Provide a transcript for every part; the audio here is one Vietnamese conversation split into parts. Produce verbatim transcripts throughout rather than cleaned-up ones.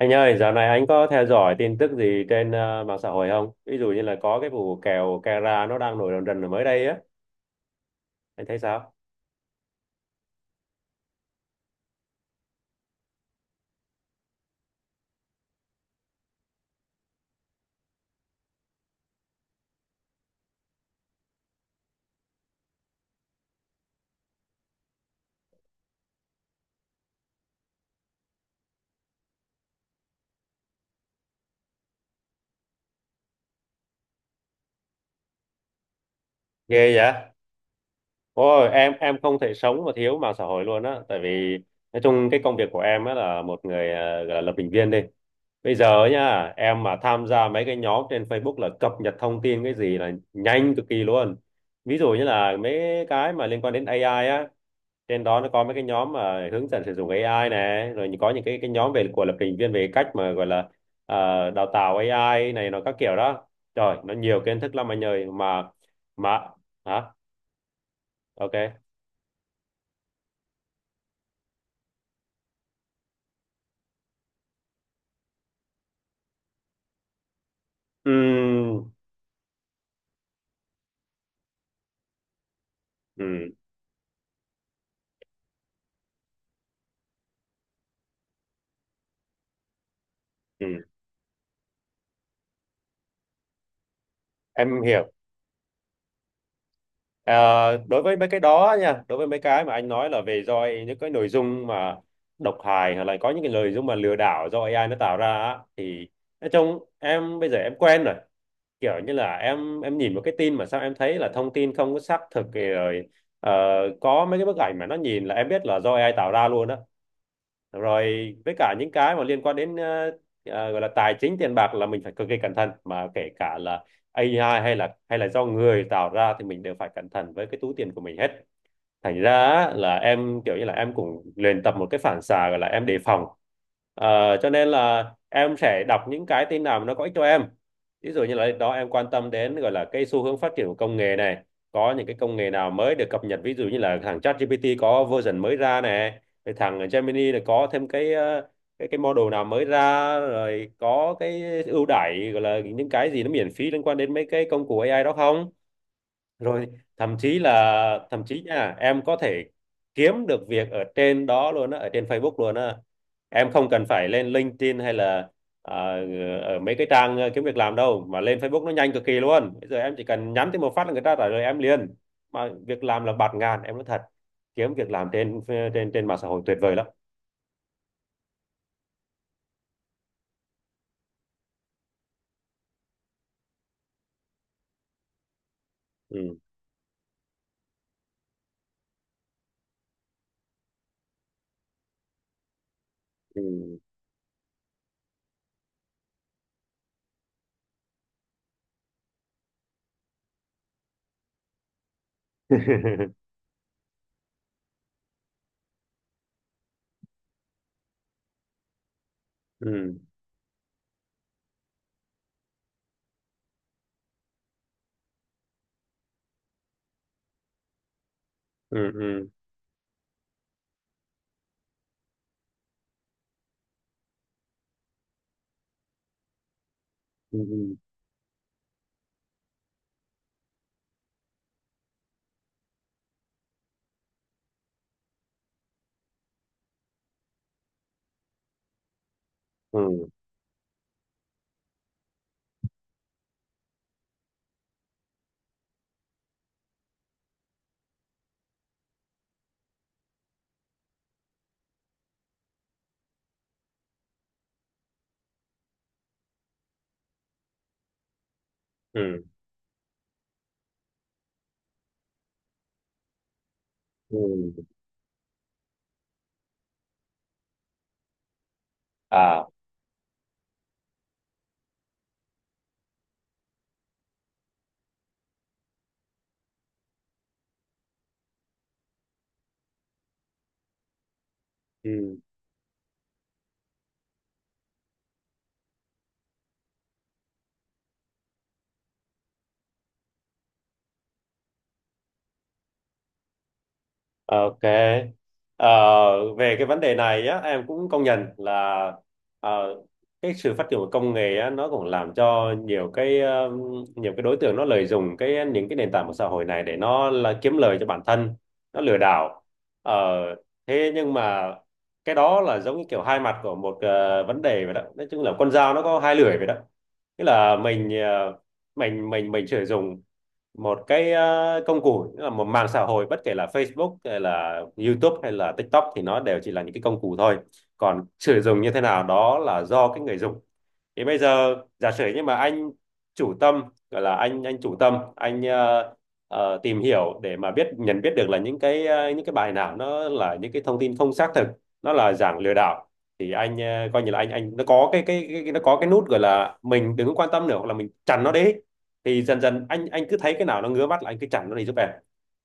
Anh ơi, dạo này anh có theo dõi tin tức gì trên ờ, mạng xã hội không? Ví dụ như là có cái vụ kèo Cara nó đang nổi rần rần ở mới đây á. Anh thấy sao? Ghê vậy? Ôi, em em không thể sống mà thiếu mạng xã hội luôn á. Tại vì nói chung cái công việc của em á là một người ờ, gọi là lập trình viên đi. Bây giờ á nha, em mà tham gia mấy cái nhóm trên Facebook là cập nhật thông tin cái gì là nhanh cực kỳ luôn. Ví dụ như là mấy cái mà liên quan đến a i á. Trên đó nó có mấy cái nhóm mà hướng dẫn sử dụng a i này, rồi có những cái cái nhóm về của lập trình viên về cách mà gọi là ờ, đào tạo a i này, nó các kiểu đó. Trời, nó nhiều kiến thức lắm anh ơi, mà mà hả, ok. Ừm, ừm, ừm. Em hiểu. Ờ, đối với mấy cái đó nha, đối với mấy cái mà anh nói là về do những cái nội dung mà độc hại, hoặc là có những cái nội dung mà lừa đảo do a i nó tạo ra á, thì nói chung em bây giờ em quen rồi. Kiểu như là em em nhìn một cái tin mà sao em thấy là thông tin không có xác thực thì rồi ờ, có mấy cái bức ảnh mà nó nhìn là em biết là do a i tạo ra luôn á. Rồi với cả những cái mà liên quan đến ờ, ờ, gọi là tài chính tiền bạc là mình phải cực kỳ cẩn thận, mà kể cả là a i hay là hay là do người tạo ra thì mình đều phải cẩn thận với cái túi tiền của mình hết. Thành ra là em kiểu như là em cũng luyện tập một cái phản xạ gọi là em đề phòng. Ờ, cho nên là em sẽ đọc những cái tin nào mà nó có ích cho em, ví dụ như là đó, em quan tâm đến gọi là cái xu hướng phát triển của công nghệ này, có những cái công nghệ nào mới được cập nhật, ví dụ như là thằng ChatGPT có version mới ra này, rồi thằng Gemini là có thêm cái ờ, cái cái model nào mới ra, rồi có cái ưu đãi gọi là những cái gì nó miễn phí liên quan đến mấy cái công cụ a i đó không, rồi thậm chí là thậm chí nha, em có thể kiếm được việc ở trên đó luôn á, ở trên Facebook luôn á, em không cần phải lên LinkedIn hay là ờ, ở mấy cái trang ờ, kiếm việc làm đâu, mà lên Facebook nó nhanh cực kỳ luôn. Bây giờ em chỉ cần nhắn tin một phát là người ta trả lời em liền, mà việc làm là bạt ngàn, em nói thật, kiếm việc làm trên ờ, trên trên mạng xã hội tuyệt vời lắm. Ừ, ừ. Ừ, ừ, ừ, ừ, ừ, ừ, ừ. À, ừ. Ok. Ờ, về cái vấn đề này á, em cũng công nhận là ờ, cái sự phát triển của công nghệ á, nó cũng làm cho nhiều cái ờ, nhiều cái đối tượng nó lợi dụng cái những cái nền tảng của xã hội này để nó là kiếm lời cho bản thân, nó lừa đảo. Ờ, Thế nhưng mà cái đó là giống như kiểu hai mặt của một ờ, vấn đề vậy đó. Nói chung là con dao nó có hai lưỡi vậy đó. Tức là mình ờ, mình mình mình sử dụng một cái ờ, công cụ, nghĩa là một mạng xã hội bất kể là Facebook hay là YouTube hay là TikTok thì nó đều chỉ là những cái công cụ thôi, còn sử dụng như thế nào đó là do cái người dùng. Thì bây giờ giả sử như mà anh chủ tâm, gọi là anh anh chủ tâm anh ờ, ờ, tìm hiểu để mà biết nhận biết được là những cái ờ, những cái bài nào nó là những cái thông tin không xác thực, nó là dạng lừa đảo, thì anh ờ, coi như là anh anh nó có cái cái, cái nó có cái nút gọi là mình đừng có quan tâm nữa, hoặc là mình chặn nó đi, thì dần dần anh anh cứ thấy cái nào nó ngứa mắt là anh cứ chặn nó đi giúp em,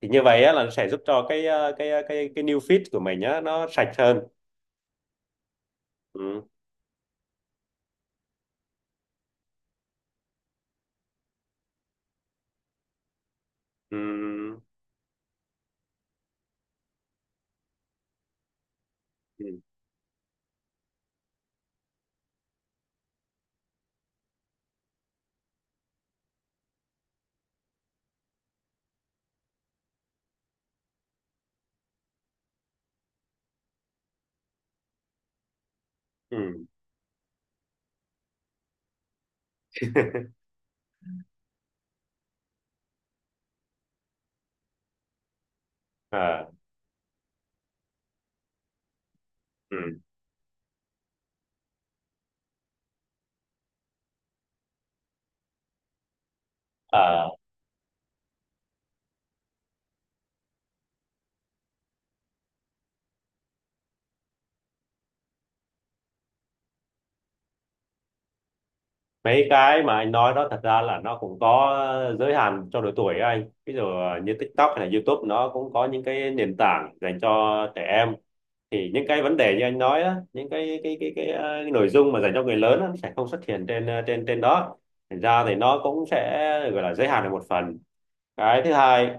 thì như vậy á, là nó sẽ giúp cho cái ờ, cái ờ, cái cái new feed của mình á, nó sạch hơn. Ừ. Ừ. Ừ. Ừ. Ờ. Ừ. Ờ. Mấy cái mà anh nói đó thật ra là nó cũng có giới hạn cho độ tuổi ấy anh, ví dụ như TikTok hay là YouTube nó cũng có những cái nền tảng dành cho trẻ em, thì những cái vấn đề như anh nói á, những cái cái cái cái, ờ, cái nội dung mà dành cho người lớn á, nó sẽ không xuất hiện trên ờ, trên trên đó, thành ra thì nó cũng sẽ gọi là giới hạn được một phần. Cái thứ hai,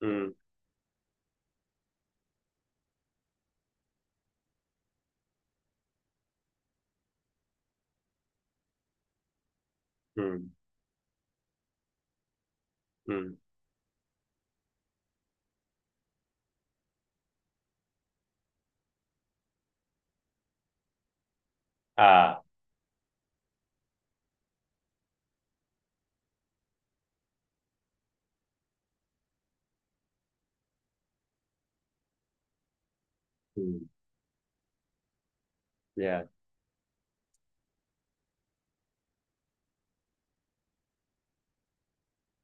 ừ, ừ, ừ, à, ừ, yeah,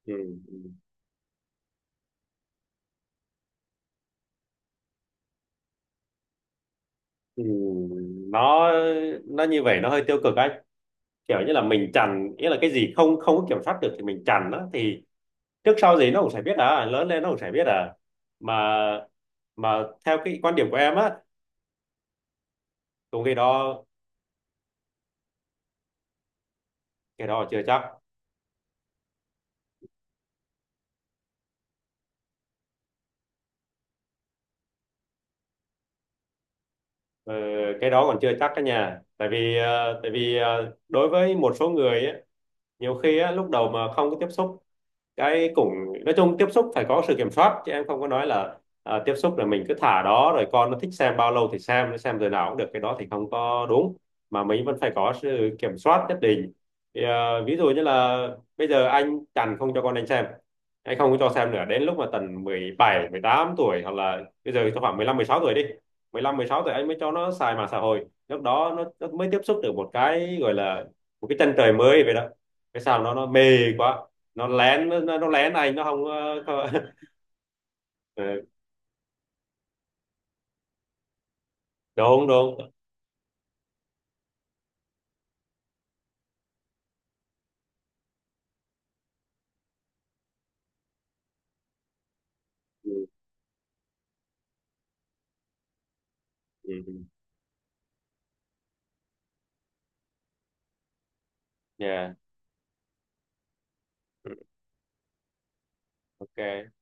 ừ, ừ, ừ. nó nó như vậy nó hơi tiêu cực anh, kiểu như là mình chằn nghĩa là cái gì không không có kiểm soát được thì mình chằn á, thì trước sau gì nó cũng sẽ biết à, lớn lên nó cũng sẽ biết à, mà mà theo cái quan điểm của em á, cũng cái đó. Cái đó chưa chắc. Ờ, cái đó còn chưa chắc đó nhà, tại vì ờ, tại vì ờ, đối với một số người á, nhiều khi á, lúc đầu mà không có tiếp xúc cái cũng, nói chung tiếp xúc phải có sự kiểm soát, chứ em không có nói là à, tiếp xúc là mình cứ thả đó rồi con nó thích xem bao lâu thì xem, nó xem giờ nào cũng được, cái đó thì không có đúng, mà mình vẫn phải có sự kiểm soát nhất định. Thì, à, ví dụ như là bây giờ anh chằn không cho con anh xem, anh không có cho xem nữa đến lúc mà tầm mười bảy mười tám tuổi, hoặc là bây giờ cho khoảng mười lăm, mười sáu tuổi đi, mười lăm, mười sáu tuổi anh mới cho nó xài mạng xã hội, lúc đó nó, nó mới tiếp xúc được một cái gọi là một cái chân trời mới vậy đó, cái sao nó nó mê quá, nó lén nó nó nó lén anh, nó không ờ, không- ờ, đúng, đúng. Ừ, ừ, ừ. Yeah. Ừ, ok.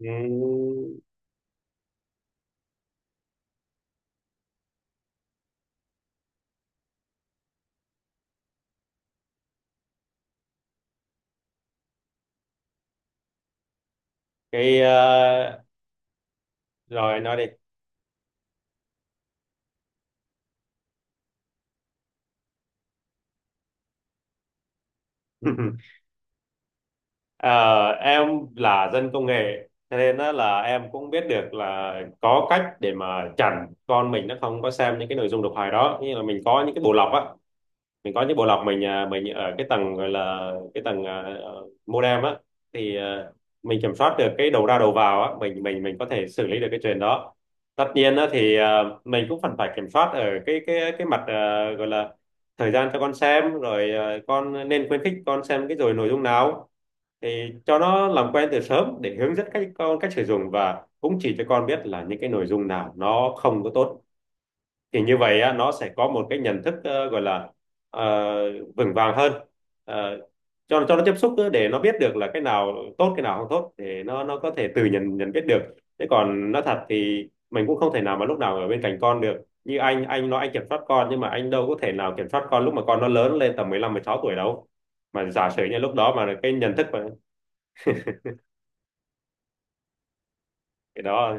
Ừ, cái ờ, rồi nói đi. Ờ, em là dân công nghệ cho nên đó là em cũng biết được là có cách để mà chặn con mình nó không có xem những cái nội dung độc hại đó, như là mình có những cái bộ lọc á, mình có những bộ lọc, mình à, mình ở cái tầng, gọi là cái tầng à, ờ, modem á, thì à, mình kiểm soát được cái đầu ra đầu vào á, mình mình mình có thể xử lý được cái chuyện đó. Tất nhiên á thì à, mình cũng phần phải kiểm soát ở cái cái cái mặt à, gọi là thời gian cho con xem, rồi à, con nên khuyến khích con xem cái rồi nội dung nào, thì cho nó làm quen từ sớm để hướng dẫn cách con cách sử dụng, và cũng chỉ cho con biết là những cái nội dung nào nó không có tốt, thì như vậy á, nó sẽ có một cái nhận thức ờ, gọi là ờ, vững vàng hơn. Ờ, cho cho nó tiếp xúc để nó biết được là cái nào tốt cái nào không tốt, để nó nó có thể tự nhận nhận biết được. Thế còn nói thật thì mình cũng không thể nào mà lúc nào ở bên cạnh con được, như anh anh nói anh kiểm soát con nhưng mà anh đâu có thể nào kiểm soát con lúc mà con nó lớn lên tầm mười lăm mười sáu tuổi đâu, mà giả sử như lúc đó mà cái nhận thức mà cái đó.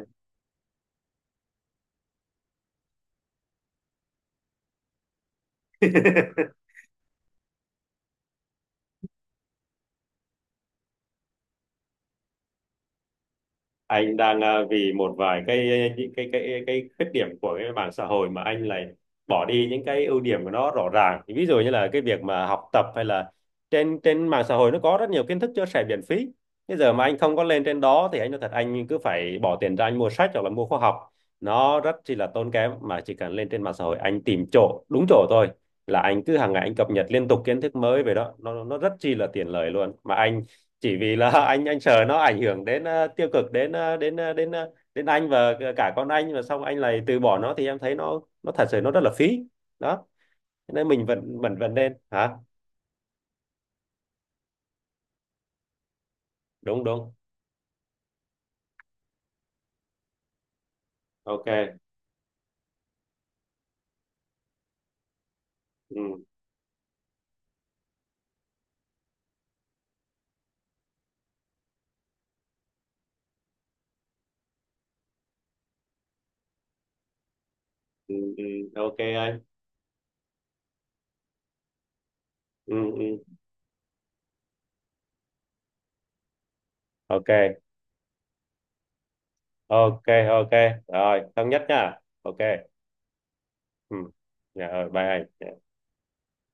Anh đang à, vì một vài cái, những cái cái cái khuyết điểm của cái mạng xã hội mà anh lại bỏ đi những cái ưu điểm của nó rõ ràng, ví dụ như là cái việc mà học tập, hay là trên trên mạng xã hội nó có rất nhiều kiến thức chia sẻ miễn phí, bây giờ mà anh không có lên trên đó thì anh nói thật, anh cứ phải bỏ tiền ra anh mua sách hoặc là mua khóa học, nó rất chỉ là tốn kém, mà chỉ cần lên trên mạng xã hội anh tìm chỗ đúng chỗ thôi là anh cứ hàng ngày anh cập nhật liên tục kiến thức mới về đó, nó nó rất chi là tiện lợi luôn mà anh, chỉ vì là anh anh sợ nó ảnh hưởng đến ờ, tiêu cực đến ờ, đến ờ, đến ờ, đến anh và cả con anh, và xong anh lại từ bỏ nó thì em thấy nó nó thật sự nó rất là phí đó. Cho nên mình vẫn vẫn vẫn nên hả. Đúng, đúng. Ok. Ừ, ừ, ừ, ok anh. Ừ, ừ. Ok. Ok. Ok, rồi thống nhất nha. Ok. Ừ. Dạ rồi bye anh.